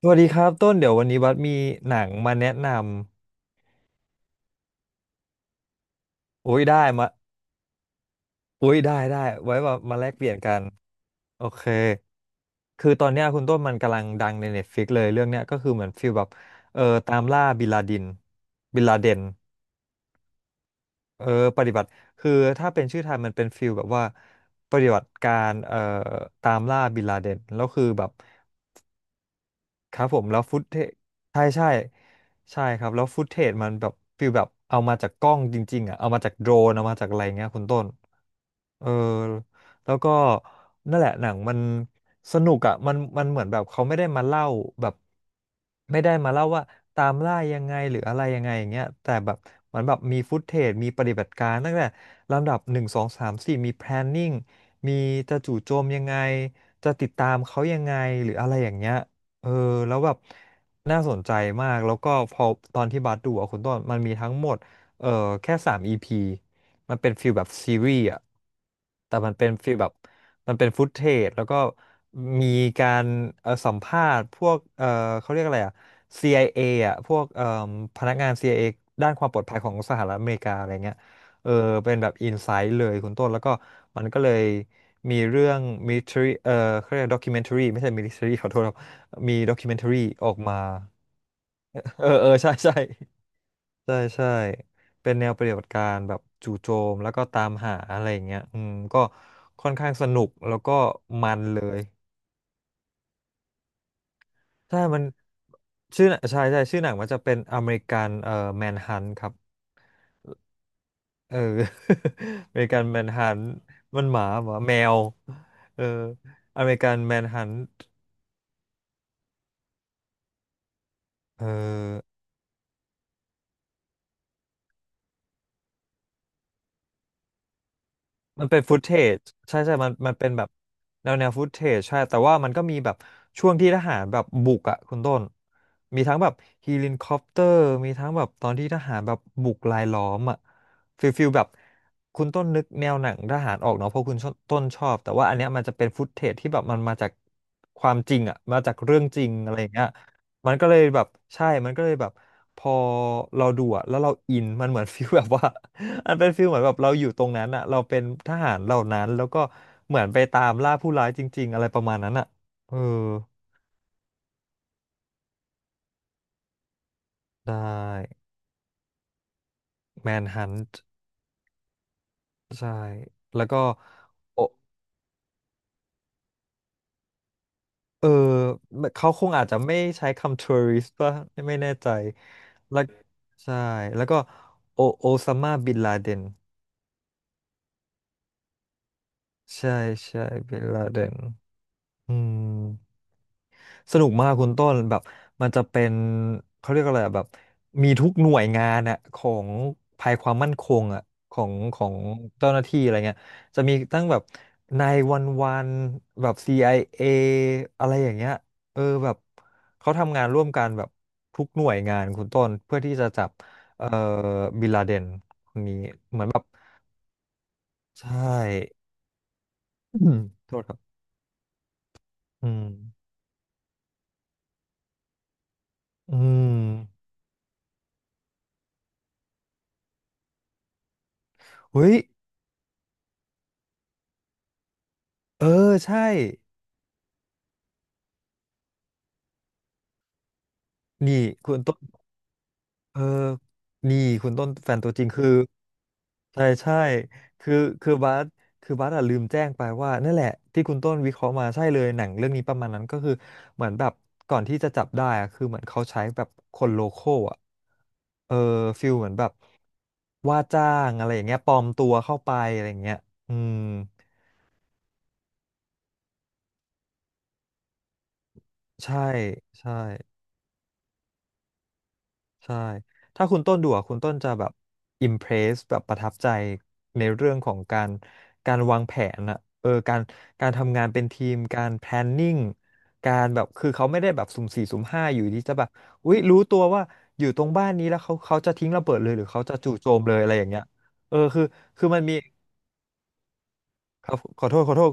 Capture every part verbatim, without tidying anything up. สวัสดีครับต้นเดี๋ยววันนี้บัสมีหนังมาแนะนำโอ้ยได้มาโอ้ยได้ได้ไว้มามาแลกเปลี่ยนกันโอเคคือตอนเนี้ยคุณต้นมันกำลังดังใน Netflix เลยเรื่องเนี้ยก็คือเหมือนฟีลแบบเออตามล่าบินลาดินบินลาเดนเออปฏิบัติคือถ้าเป็นชื่อไทยมันเป็นฟีลแบบว่าปฏิบัติการเอ่อตามล่าบินลาเดนแล้วคือแบบ ครับผมแล้วฟุตเทจใช่ใช่ใช่ครับแล้วฟุตเทจมันแบบฟิลแบบเอามาจากกล้องจริงๆอ่ะเอามาจากโดรนเอามาจากอะไรเงี้ยคุณต้นเออแล้วก็นั่นแหละหนังมันสนุกอ่ะมันมันเหมือนแบบเขาไม่ได้มาเล่าแบบไม่ได้มาเล่าว่าตามล่ายังไงหรืออะไรยังไงอย่างเงี้ยแต่แบบมันแบบมีฟุตเทจมีปฏิบัติการตั้งแต่ลำดับหนึ่งสองสามสี่มีแพลนนิ่งมีจะจู่โจมยังไงจะติดตามเขายังไงหรืออะไรอย่างเงี้ย เออแล้วแบบน่าสนใจมากแล้วก็พอตอนที่บัสดูอะคุณต้นมันมีทั้งหมดเออแค่สามอีพีมันเป็นฟิลแบบซีรีส์อะแต่มันเป็นฟิลแบบมันเป็นฟุตเทจแล้วก็มีการเออสัมภาษณ์พวกเออเขาเรียกอะไรอะ ซี ไอ เอ อเออะพวกเออพนักงาน ซี ไอ เอ ด้านความปลอดภัยของสหรัฐอเมริกาอะไรเงี้ยเออเป็นแบบอินไซต์เลยคุณต้นแล้วก็มันก็เลยมีเรื่องมิลิ t รีเออเขาเรียกด็อกิเมนทรีไม่ใช่มิลิ t รีขอโทษ มีด็อกิเมนท r รีออกมา เออเออใช่ใช่ใช่ใช่เป็นแนวปฏิบัติการแบบจู่โจมแล้วก็ตามหาอะไรอย่างเงี้ยอืมก็ค่อนข้างสนุกแล้วก็มันเลยใช่มันชื่อหนังใช่ใช่ชื่อหนังมันจะเป็นอเมริกันเอ่อแมนฮันครับเออ อเมริกันแมนฮันมันหมาหมาแมวเอออเมริกันแมนฮันเออ มันเป็นฟุตเทจใช่ใช่มันมันเป็นแบบแนวแนวฟุตเทจใช่แต่ว่ามันก็มีแบบช่วงที่ทหารแบบบุกอ่ะคุณต้นมีทั้งแบบเฮลิคอปเตอร์มีทั้งแบบตอนที่ทหารแบบบุกลายล้อมอ่ะฟิลฟิลแบบคุณต้นนึกแนวหนังทหารออกเนาะเพราะคุณชอบต้นชอบแต่ว่าอันเนี้ยมันจะเป็นฟุตเทจที่แบบมันมาจากความจริงอ่ะมาจากเรื่องจริงอะไรอย่างเงี้ยมันก็เลยแบบใช่มันก็เลยแบบพอเราดูอะแล้วเราอินมันเหมือน ฟีลแบบว่า อันเป็นฟีลเหมือนแบบเราอยู่ตรงนั้นอ่ะเราเป็นทหารเหล่านั้นแล้วก็เหมือนไปตามล่าผู้ร้ายจริงๆอะไรประมาณนั้นอ่ะเออได้แมนฮันต์ใช่แล้วก็โอเออเขาคงอาจจะไม่ใช้คำทัวริสต์ป่ะไม่แน่ใจแล้วใช่แล้วก็โอโอซามาบินลาเดนใช่ใช่บินลาเดนอืม สนุกมากคุณต้นแบบมันจะเป็นเขาเรียกอะไรอะแบบมีทุกหน่วยงานอะของภายความมั่นคงอะของของเจ้าหน้าที่อะไรเงี้ยจะมีตั้งแบบนายวันวันแบบ ซี ไอ เอ อเออะไรอย่างเงี้ยเออแบบเขาทำงานร่วมกันแบบทุกหน่วยงานคุณต้นเพื่อที่จะจับเอ่อบินลาเดนคนนี้เหมือนแบบใช่อืมโทษครับอืมอืมเฮ้ยเออใช่นี่คุณต้น เออนี่คุณต้นแฟนตัวจริงคือใช่ใช่คือคือบาสคือบาสอะลืมแจ้งไปว่านั่นแหละที่คุณต้นวิเคราะห์มาใช่เลยหนังเรื่องนี้ประมาณนั้นก็คือเหมือนแบบก่อนที่จะจับได้อะคือเหมือนเขาใช้แบบคนโลคอลอะเออฟิลเหมือนแบบว่าจ้างอะไรอย่างเงี้ยปลอมตัวเข้าไปอะไรอย่างเงี้ยอืมใช่ใช่ ใช่ถ้าคุณต้นดูอะคุณต้นจะแบบอิมเพรสแบบประทับใจในเรื่องของการการวางแผนอะเออการการทำงานเป็นทีมการ planning การแบบคือเขาไม่ได้แบบสุ่มสี่สุ่มห้าอยู่ดีจะแบบอุ๊ยรู้ตัวว่าอยู่ตรงบ้านนี้แล้วเขาเขาจะทิ้งระเบิดเลยหรือเขาจะจู่โจมเลยอะไรอย่างเงี้ยเออคือคือมันมีครับขอโทษขอโทษ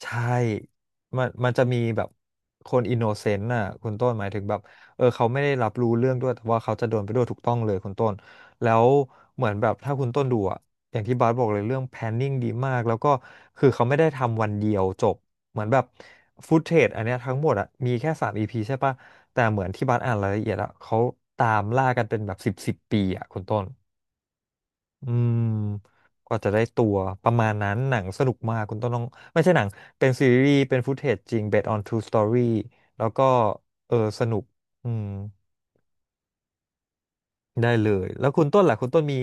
ใช่มันมันจะมีแบบคนอินโนเซนต์น่ะคุณต้นหมายถึงแบบเออเขาไม่ได้รับรู้เรื่องด้วยแต่ว่าเขาจะโดนไปด้วยถูกต้องเลยคุณต้นแล้วเหมือนแบบถ้าคุณต้นดูอ่ะอย่างที่บาสบอกเลยเรื่อง planning ดีมากแล้วก็คือเขาไม่ได้ทำวันเดียวจบเหมือนแบบฟุตเทจอันเนี้ยทั้งหมดอ่ะมีแค่สามอีพีใช่ปะแต่เหมือนที่บาสอ่านรายละเอียดอ่ะเขาตามล่ากันเป็นแบบสิบสิบปีอ่ะคุณต้น อืมกว่าจะได้ตัวประมาณนั้นหนังสนุกมากคุณต้องต้องไม่ใช่หนังเป็นซีรีส์เป็นฟุตเทจจริง based on true story แล้วก็เออสนุกอืมได้เลยแล้วคุณต้นล่ะคุณต้นมี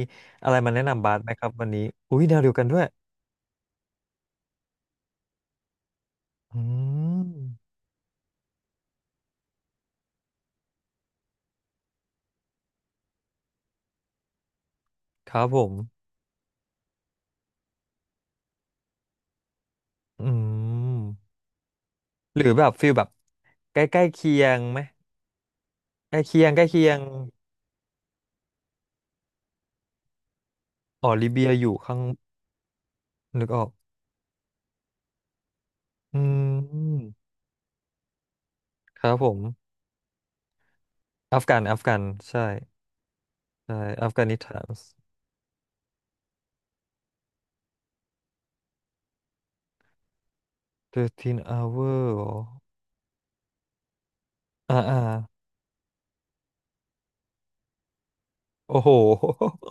อะไรมาแนะนำบาสไหมครับวันนี้อุ้ยแนวเดียวกันด้วยอืมครับผมอืมหรือแบบฟิลแบบใกล้ใกล้เคียงไหมใกล้เคียงใกล้เคียงอ๋อลิเบียอยู่ข้างนึกออกอืมครับผมอัฟกันอัฟกันใช่ ใช่อัฟกานิสถานthirteen hour เหรออ่าอ่าโอ้โห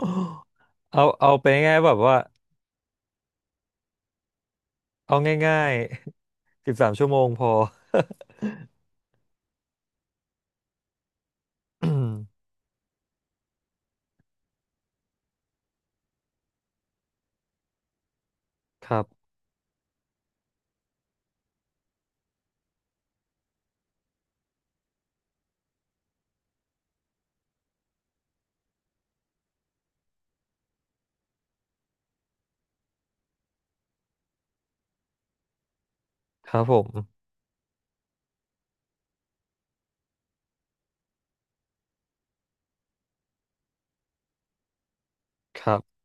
เอาเอาไปง่ายๆแบบว่าเอาง่ายๆ สิบสามชั่วโมงพอ อืมครับครับผมครับ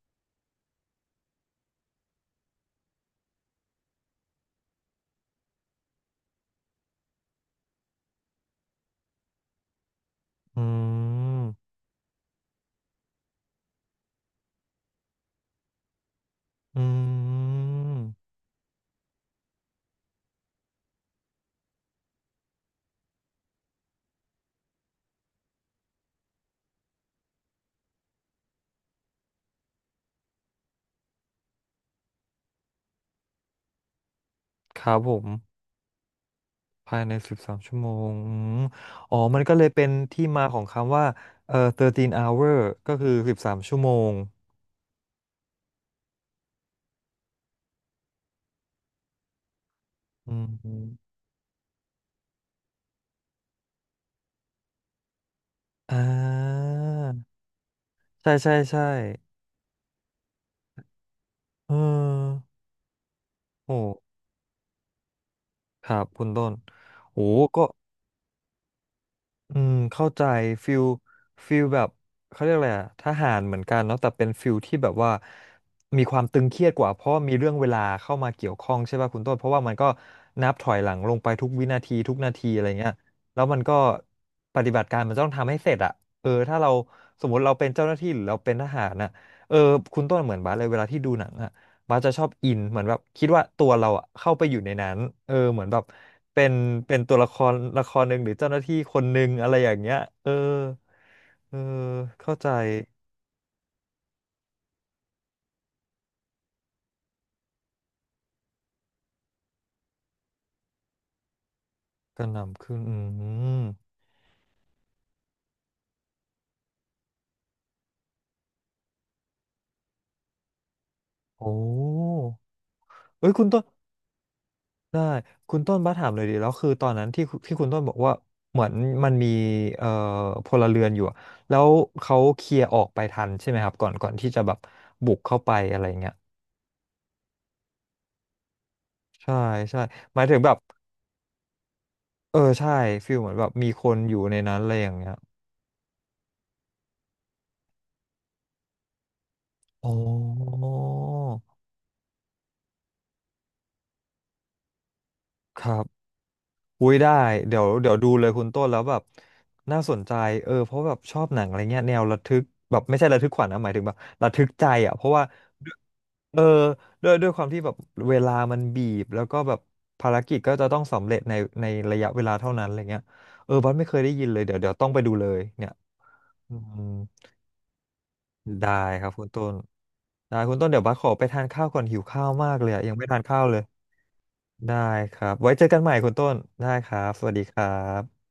อืมอืมครับผมภายในสิบสามชั่วโมงอืมอ๋อมันก็เลยเป็นที่มาของคำว่าเอ่อthirteen hour ก็คือสิบสามชั่วโมงอืมอ่าใช่ใช่ใช่เออ โอ้ครับคุณต้นโอ้ก็อืมเข้าใจฟิลฟิลแบบเขาเรียกอะไรอะทหารเหมือนกันเนาะแต่เป็นฟิลที่แบบว่ามีความตึงเครียดกว่าเพราะมีเรื่องเวลาเข้ามาเกี่ยวข้องใช่ป่ะคุณต้นเพราะว่ามันก็นับถอยหลังลงไปทุกวินาทีทุกนาทีอะไรเงี้ยแล้วมันก็ปฏิบัติการมันต้องทำให้เสร็จอะเออถ้าเราสมมติเราเป็นเจ้าหน้าที่หรือเราเป็นทหารน่ะเออคุณต้นเหมือนบาสเลยเวลาที่ดูหนังอะ บาสจะชอบอินเหมือนแบบคิดว่าตัวเราอะเข้าไปอยู่ในนั้นเออเหมือนแบบเป็นเป็นตัวละครละครหนึ่งหรือเจ้าหน้าที่คนหนึ่งอะไรอย่างเงี้ยเออเออเข้าใจกระหน่ำขึ้นอืมโอ้เอ้ยคุณต้นได้คุณต้นบ้าสถามเลยดีแล้วคือตอนนั้นที่ที่คุณต้นบอกว่าเหมือนมันมีเอ่อพลเรือนอยู่อะแล้วเขาเคลียร์ออกไปทันใช่ไหมครับก่อนก่อนที่จะแบบบุกเข้าไปอะไรเงี้ยใช่ใช่หมายถึงแบบ เออใช่ฟิลเหมือนแบบมีคนอยู่ในนั้นอะไรอย่างเงี้ยอ๋อครับอุ้ยได้เดี๋ยวเดี๋ยวดูเลยคุณต้นแล้วแบบน่าสนใจเออเพราะแบบชอบหนังอะไรเงี้ยแนวระทึกแบบไม่ใช่ระทึกขวัญนะหมายถึงแบบระทึกใจอ่ะเพราะว่าเออด้วยด้วยความที่แบบเวลามันบีบแล้วก็แบบภารกิจก็จะต้องสำเร็จในในระยะเวลาเท่านั้นอะไรเงี้ยเออบัสไม่เคยได้ยินเลยเดี๋ยวเดี๋ยวต้องไปดูเลยเนี่ยอืม ได้ครับคุณต้นได้คุณต้นเดี๋ยวบัสขอไปทานข้าวก่อนหิวข้าวมากเลยอะยังไม่ทานข้าวเลยได้ครับไว้เจอกันใหม่คุณต้นได้ครับสวัสดีครับ